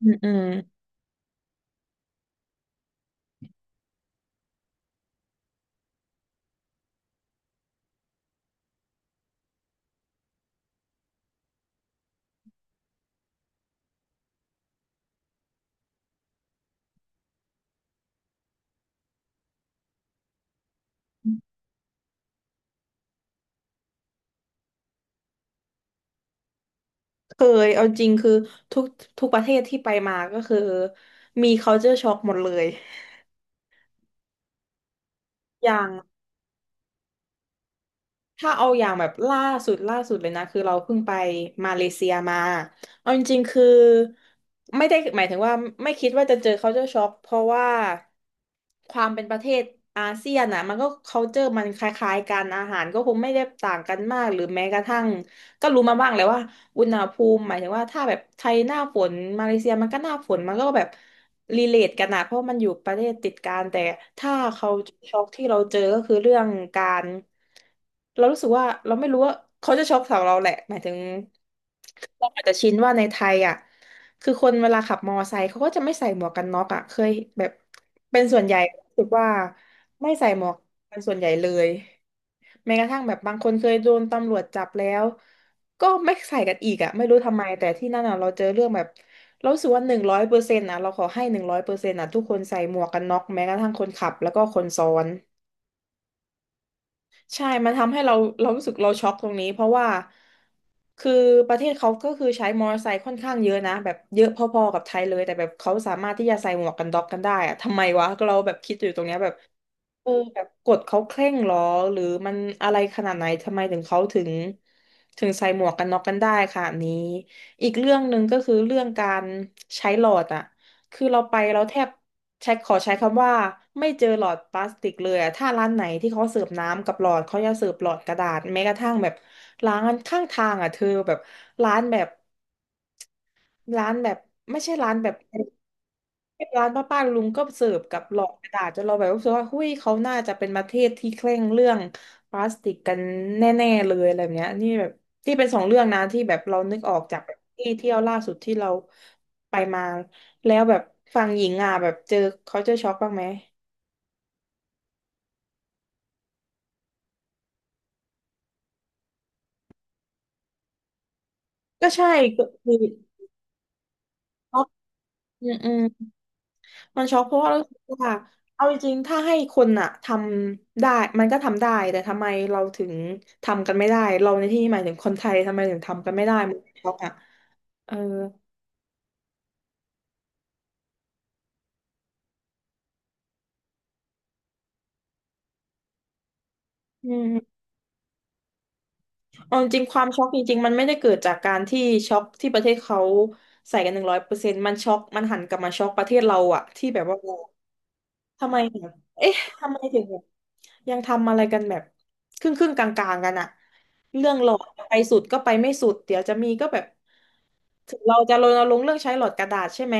อืมอืมเคยเอาจริงคือทุกทุกประเทศที่ไปมาก็คือมี culture shock หมดเลยอย่างถ้าเอาอย่างแบบล่าสุดเลยนะคือเราเพิ่งไปมาเลเซียมาเอาจริงๆคือไม่ได้หมายถึงว่าไม่คิดว่าจะเจอ culture shock เพราะว่าความเป็นประเทศอาเซียนอ่ะมันก็ culture มันคล้ายๆกันอาหารก็คงไม่ได้ต่างกันมากหรือแม้กระทั่ง ก็รู้มาบ้างแหล้วว่าอุณหภูมิหมายถึงว่าถ้าแบบไทยหน้าฝนมาเลเซียมันก็หน้าฝนมันก็แบบรีเลทกันนะเพราะมันอยู่ประเทศติดกันแต่ถ้าเขาช็อกที่เราเจอก็คือเรื่องการเรารู้สึกว่าเราไม่รู้ว่าเขาจะช็อกสำหรับเราแหละหมายถึงเราอาจจะชินว่าในไทยอ่ะ คือคนเวลาขับมอไซค์เขาก็จะไม่ใส่หมวกกันน็อกอ่ะเคยแบบเป็นส่วนใหญ่รู้สึกว่าไม่ใส่หมวกกันส่วนใหญ่เลยแม้กระทั่งแบบบางคนเคยโดนตำรวจจับแล้วก็ไม่ใส่กันอีกอ่ะไม่รู้ทำไมแต่ที่นั่นอ่ะเราเจอเรื่องแบบเรารู้สึกว่าหนึ่งร้อยเปอร์เซ็นต์อ่ะเราขอให้หนึ่งร้อยเปอร์เซ็นต์อ่ะทุกคนใส่หมวกกันน็อกแม้กระทั่งคนขับแล้วก็คนซ้อน ใช่ มันทำให้เราเรารู้สึกเราช็อกตรงนี้เพราะว่าคือประเทศเขาก็คือใช้มอเตอร์ไซค์ค่อนข้างเยอะนะแบบเยอะพอๆกับไทยเลยแต่แบบเขาสามารถที่จะใส่หมวกกันน็อกกันได้อะทำไมวะเราแบบคิดอยู่ตรงเนี้ยแบบ เออแบบกฎเขาเคร่งหรอหรือมันอะไรขนาดไหนทำไมถึงเขาถึงใส่หมวกกันน็อกกันได้ค่ะนี้อีกเรื่องหนึ่งก็คือเรื่องการใช้หลอดอะคือเราไปเราแทบใช้ขอใช้คำว่าไม่เจอหลอดพลาสติกเลยอะถ้าร้านไหนที่เขาเสิร์ฟน้ำกับหลอดเขาจะเสิร์ฟหลอดกระดาษแม้กระทั่งแบบร้านข้างทางอะเธอแบบร้านแบบ ร้านแบบไม่ใช่ร้านแบบร้านป้าป้าลุงก็เสิร์ฟกับหลอดกระดาษจนเราแบบรู้สึกว่าหุ้ยเขาน่าจะเป็นประเทศที่เคร่งเรื่องพลาสติกกันแน่ๆเลยอะไรแบบเนี้ยนี่แบบที่เป็นสองเรื่องนะที่แบบเรานึกออกจากแบบที่เที่ยวล่าสุดที่เราไปมาแล้วแบบฝั่งหญิงอ่ะแบบเจอเขาเจอช็อกบ้างไหมก็ใช่ก็คือช็อกอืม มันช็อกเพราะว่ารู้สึกว่าเอาจริงๆ ถ้าให้คนอะทำได้มันก็ทำได้แต่ทำไมเราถึงทำกันไม่ได้เราในที่นี้หมายถึงคนไทยทำไมถึงทำกันไม่ได้มันช็อกอะเอออืมเอาจริงๆความช็อกจริงๆ มันไม่ได้เกิดจากการที่ช็อกที่ประเทศเขาใส่กันหนึ่งร้อยเปอร์เซ็นต์มันช็อกมันหันกลับมาช็อกประเทศเราอะที่แบบว่า ทำไมแบบเอ๊ะทำไมถึงแบบยังทำอะไรกันแบบครึ่งครึ่งกลางกลางๆกันอะเรื่องหลอดไปสุดก็ไปไม่สุดเดี๋ยวจะมีก็แบบถึงเราจะรณรงค์เรื่องใช้หลอดกระดาษใช่ไหม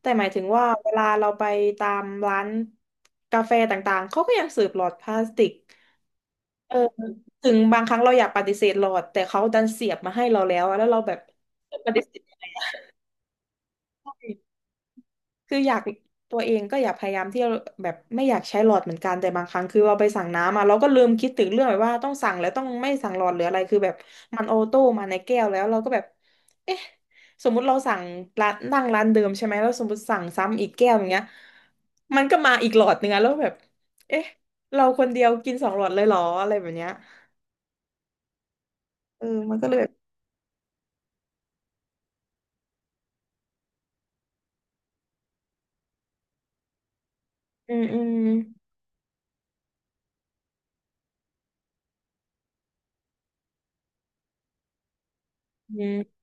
แต่หมายถึงว่าเวลาเราไปตามร้านกาแฟต่างๆเขาก็ยังเสิร์ฟหลอดพลาสติกเออถึงบางครั้งเราอยากปฏิเสธหลอดแต่เขาดันเสียบมาให้เราแล้วอะแล้วเราแบบปฏิเสธไม่ได้ คืออยากตัวเองก็อยากพยายามที่จะแบบไม่อยากใช้หลอดเหมือนกันแต่บางครั้งคือเราไปสั่งน้ำมาเราก็ลืมคิดถึงเรื่องแบบว่าต้องสั่งแล้วต้องไม่สั่งหลอดหรืออะไรคือแบบมันออโต้มาในแก้วแล้วเราก็แบบเอ๊ะสมมุติเราสั่งร้านนั่งร้านเดิมใช่ไหมแล้วสมมติสั่งซ้ำอีกแก้วอย่างเงี้ยมันก็มาอีกหลอดหนึงอะแล้วแบบเอ๊ะเราคนเดียวกินสองหลอดเลยเหรออะไรแบบเนี้ยเออมันก็เลยแบบอืมอืมอืม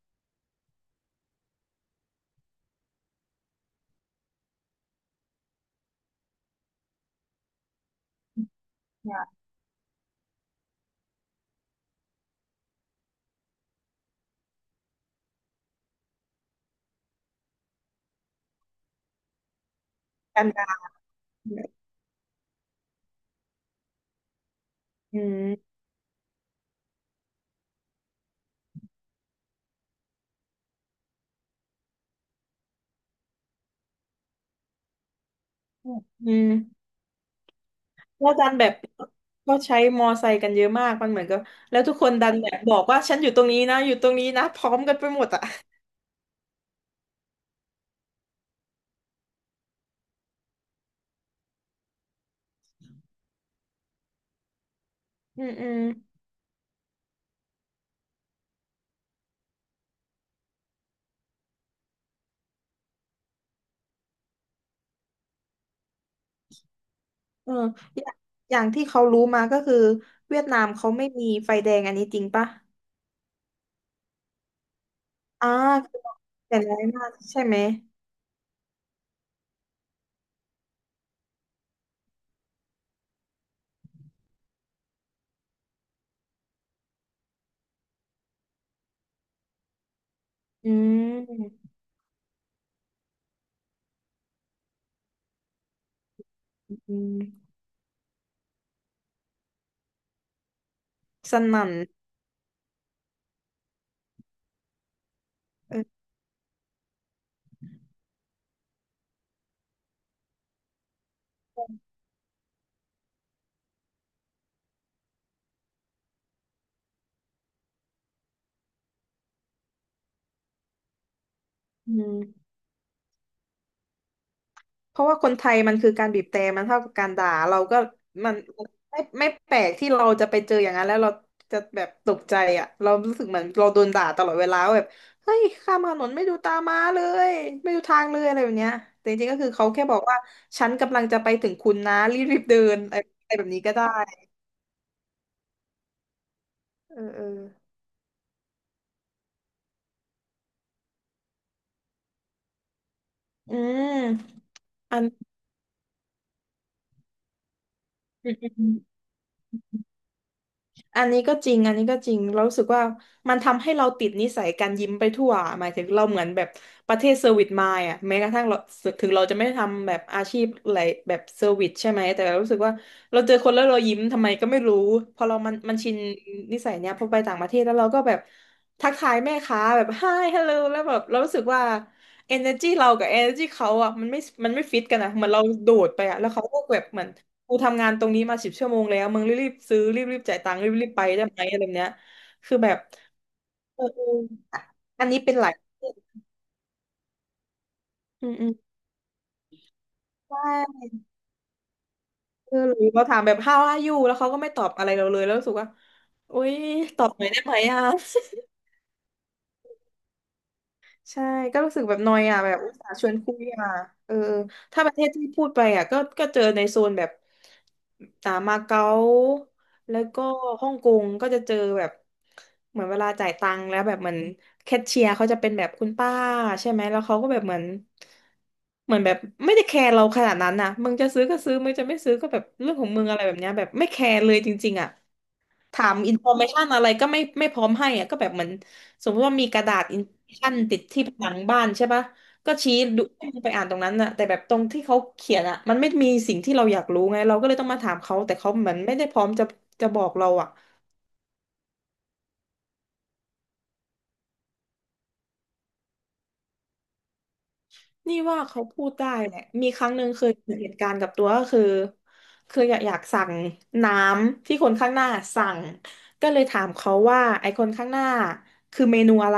อยากกันกันอืมอืม แล้วดันแบบก็ใช้มอไซค์กันเยอะมากมันเหมือนกับแล้วทุกคนดันแบบบอกว่าฉันอยู่ตรงนี้นะอยู่ตรงนี้นะพร้อมกันไปหมดอ่ะอืมอืมเอออย่างอย่างที่เขารู้มาก็คือเวียดนามเขาไม่มีไฟแดงอันนี้จริงปะอ่าคือแต่ร้ายมากใช่ไหมอืมอืมสนั่นเอออืม เพราะว่าคนไทยมันคือการบีบแตรมันเท่ากับการด่าเราก็มันไม่แปลกที่เราจะไปเจออย่างนั้นแล้วเราจะแบบตกใจอ่ะเรารู้สึกเหมือนเราโดนด่าตลอดเวลาว่าแบบเฮ้ยข้ามถนนไม่ดูตาม้าเลยไม่ดูทางเลยอะไรแบบเนี้ยแต่จริงๆก็คือเขาแค่บอกว่าฉันกำลังจะไปถึงคุณนะรีบๆเดินอะไรแบบนี้ก็ได้เออเอออืมอัน อันนี้ก็จริงอันนี้ก็จริงเรารู้สึกว่ามันทำให้เราติดนิสัยการยิ้มไปทั่วหมายถึงเราเหมือนแบบประเทศเซอร์วิสมายอ่ะแม้กระทั่งเราถึงเราจะไม่ทำแบบอาชีพอะไรแบบเซอร์วิสใช่ไหมแต่เรารู้สึกว่าเราเจอคนแล้วเรายิ้มทำไมก็ไม่รู้พอเรามันชินนิสัยเนี้ยพอไปต่างประเทศแล้วเราก็แบบทักทายแม่ค้าแบบ hi hello แล้วแบบเรารู้สึกว่า energy เรากับ energy เขาอ่ะมันไม่ฟิตกันอ่ะเหมือนเราโดดไปอ่ะแล้วเขาก็แบบเหมือน กูทำงานตรงนี้มา10 ชั่วโมงแล้วมึงรีบๆซื้อรีบๆจ่ายตังค์รีบๆไปได้ไหมอะไรแบบเนี้ยคือแบบเอออะอันนี้เป็นหลายอืมอืมใช่คือหรือเราถามแบบ how are you แล้วเขาก็ไม่ตอบอะไรเราเลยแล้วรู้สึกว่าอุ๊ยตอบหน่อยได้ไหมอ่ะ ใช่ก็รู้สึกแบบนอยอ่ะแบบอุตส่าห์ชวนคุยอ่ะเออถ้าประเทศที่พูดไปอ่ะก็เจอในโซนแบบอ่ามาเก๊าแล้วก็ฮ่องกงก็จะเจอแบบเหมือนเวลาจ่ายตังค์แล้วแบบเหมือนแคชเชียร์เขาจะเป็นแบบคุณป้าใช่ไหมแล้วเขาก็แบบเหมือนเหมือนแบบไม่ได้แคร์เราขนาดนั้นนะมึงจะซื้อก็ซื้อมึงจะไม่ซื้อก็แบบเรื่องของมึงอะไรแบบเนี้ยแบบไม่แคร์เลยจริงๆอ่ะ ถามอินโฟเมชันอะไรก็ไม่พร้อมให้อะก็แบบเหมือนสมมติว่ามีกระดาษอินโฟเมชันติดที่ผนังบ้านใช่ปะก็ชี้ดูให้มันไปอ่านตรงนั้นอะแต่แบบตรงที่เขาเขียนอะมันไม่มีสิ่งที่เราอยากรู้ไงเราก็เลยต้องมาถามเขาแต่เขาเหมือนไม่ได้พร้อมจะบอกเราอะ นี่ว่าเขาพูดได้แหละมีครั้งหนึ่งเคยเกิดเหตุการณ์กับตัวก็คือคืออยากสั่งน้ำที่คนข้างหน้าสั่งก็เลยถามเขาว่าไอ้คนข้างหน้าคือเมนูอะไร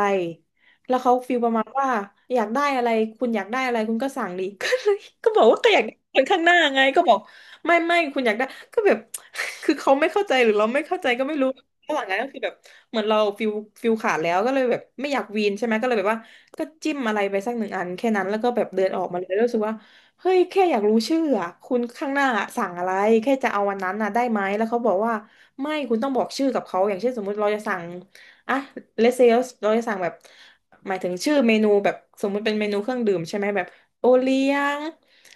แล้วเขาฟีลประมาณว่าอยากได้อะไรคุณอยากได้อะไรคุณก็สั่งดิ ก็เลยก็บอกว่าก็อยากได้คนข้างหน้าไงก็บอกไม่คุณอยากได้ก็แบบ คือเขาไม่เข้าใจหรือเราไม่เข้าใจก็ไม่รู้ระหว่างนั้นก็คือแบบเหมือนเราฟิลขาดแล้วก็เลยแบบไม่อยากวีนใช่ไหมก็เลยแบบว่า ก็จิ้มอะไรไปสัก1 อันแค่นั้นแล้วก็แบบเดินออกมาเลยแล้วรู้สึกว่าเฮ้ยแค่อยากรู้ชื่ออะคุณข้างหน้าสั่งอะไรแค่จะเอาวันนั้นน่ะได้ไหมแล้วเขาบอกว่าไม่คุณต้องบอกชื่อกับเขาอย่างเช่นสมมุติเราจะสั่งอ่ะเลเซลเราจะสั่งแบบหมายถึงชื่อเมนูแบบสมมุติเป็นเมนูเครื่องดื่มใช่ไหมแบบโอเลี้ยง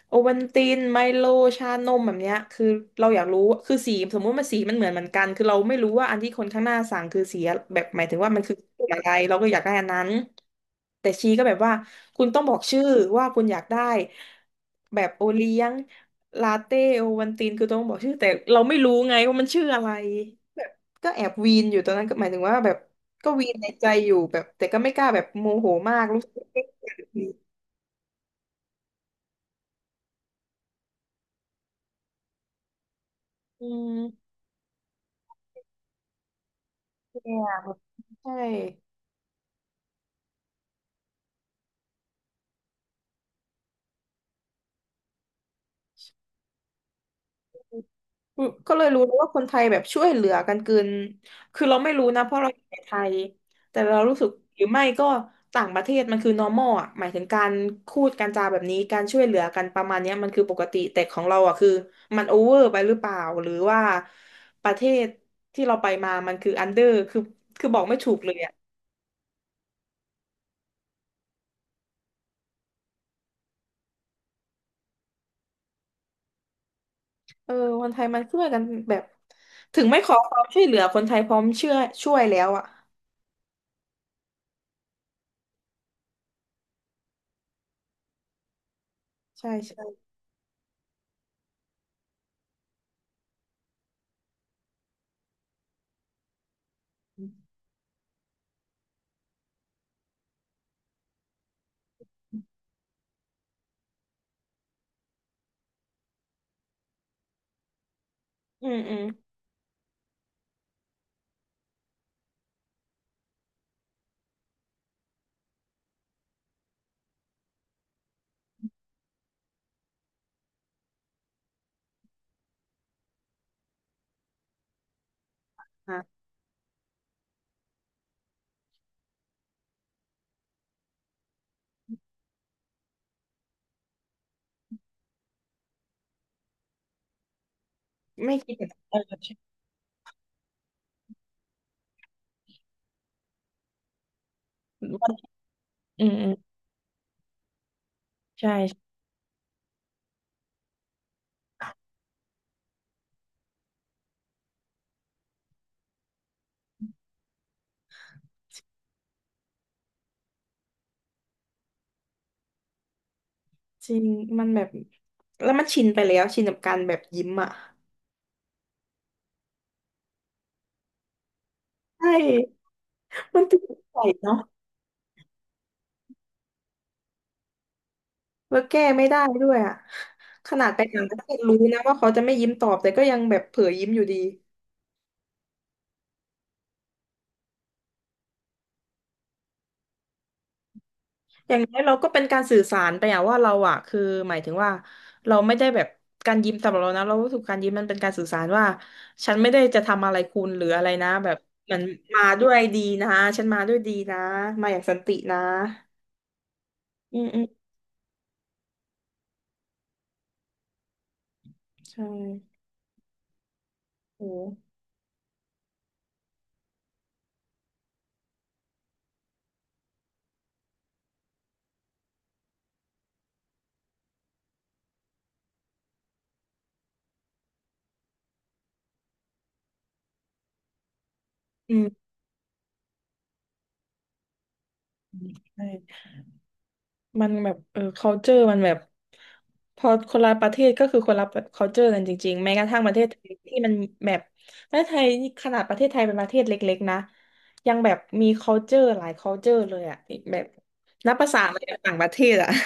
โอวัลตินไมโลชานมแบบเนี้ยคือเราอยากรู้คือสีสมมุติมันสีมันเหมือนกันคือเราไม่รู้ว่าอันที่คนข้างหน้าสั่งคือสีแบบหมายถึงว่ามันคือกลุ่มอะไรเราก็อยากได้อันนั้นแต่ชีก็แบบว่าคุณต้องบอกชื่อว่าคุณอยากได้แบบโอเลี้ยงลาเต้โอวัลตินคือต้องบอกชื่อแต่เราไม่รู้ไงว่ามันชื่ออะไรแบบก็แอบวีนอยู่ตอนนั้นก็หมายถึงว่าแบบก็วีนในใจอยู่แบบแต่ก็ไม่กล้าแบบโมโหมากรู้สึกว่าไม่อยากวีนอืมเนี่ยแบบใช่ อืมก็เลยรู้เลยว่าคนไทยแบบช่วยเหลือกันเกินคือเราไม่รู้นะเพราะเราอยู่ในไทยแต่เรารู้สึกหรือไม่ก็ต่างประเทศมันคือ normal อ่ะหมายถึงการพูดการจาแบบนี้การช่วยเหลือกันประมาณเนี้ยมันคือปกติแต่ของเราอ่ะคือมันโอเวอร์ไปหรือเปล่าหรือว่าประเทศที่เราไปมามันคืออันเดอร์คือคือบอกไม่ถูกเลยอ่ะเออคนไทยมันช่วยกันแบบถึงไม่ขอความช่วยเหลือคนไทยพร้อมเชื่อช่วยแล้วอ่ะใช่ใช่อืมอืมอ่ะไม่คิดเห็นเออ อืมอืมใช่จริงมันแบบแล้วมันชินไปแล้วชินกับการแบบยิ้มอ่ะใช่มันติดนิสัยเนาะแล้วแก้ไม่ได้ด้วยอ่ะขนาดไปต่างประเทศรู้นะว่าเขาจะไม่ยิ้มตอบแต่ก็ยังแบบเผลอยิ้มอยู่ดีอย่างน้อยเราก็เป็นการสื่อสารไปอะว่าเราอะคือหมายถึงว่าเราไม่ได้แบบการยิ้มสำหรับเรานะเรารู้สึกการยิ้มมันเป็นการสื่อสารว่าฉันไม่ได้จะทำอะไรคุณหรืออะไรนะแบบเหมือนมาด้วยดีนะฉันมาด้วยดีนะมาอย่างสันตินะอืมอืมใช่ โอ้อืมใช่มันแบบเออ culture มันแบบพอคนละประเทศก็คือคนละ culture กันจริงๆแม้กระทั่งประเทศไทยที่มันแบบประเทศไทยนี่ขนาดประเทศไทยเป็นประเทศเล็กๆนะยังแบบมี culture หลาย culture เลยอ่ะแบบนับภาษาอะไรกับต่างประเทศอ่ะ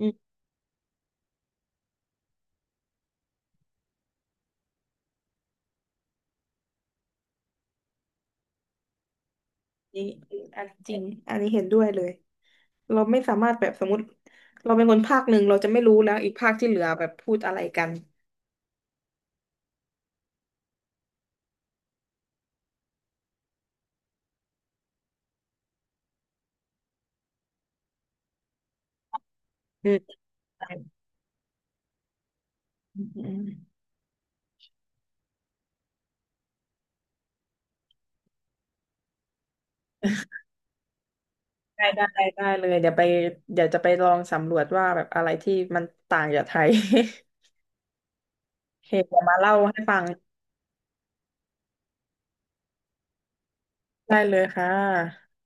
อืมนี่อันจริงอันนี้เห็นด้วยเลยเราไม่สามารถแบบสมมติเราเป็นคนภาคหนึ่งเราจะไม่รู้แล้วอีกภาคที่เหลือแบบพูดอะไรกันอืมอืมอืม ได้ได้เลยเดี๋ยวไปเดี๋ยวจะไปลองสำรวจว่าแบบอะไรที่มันต่างจากไทย โอเคเดี๋ยวมาเล่าให้ฟังได้เลยค่ะ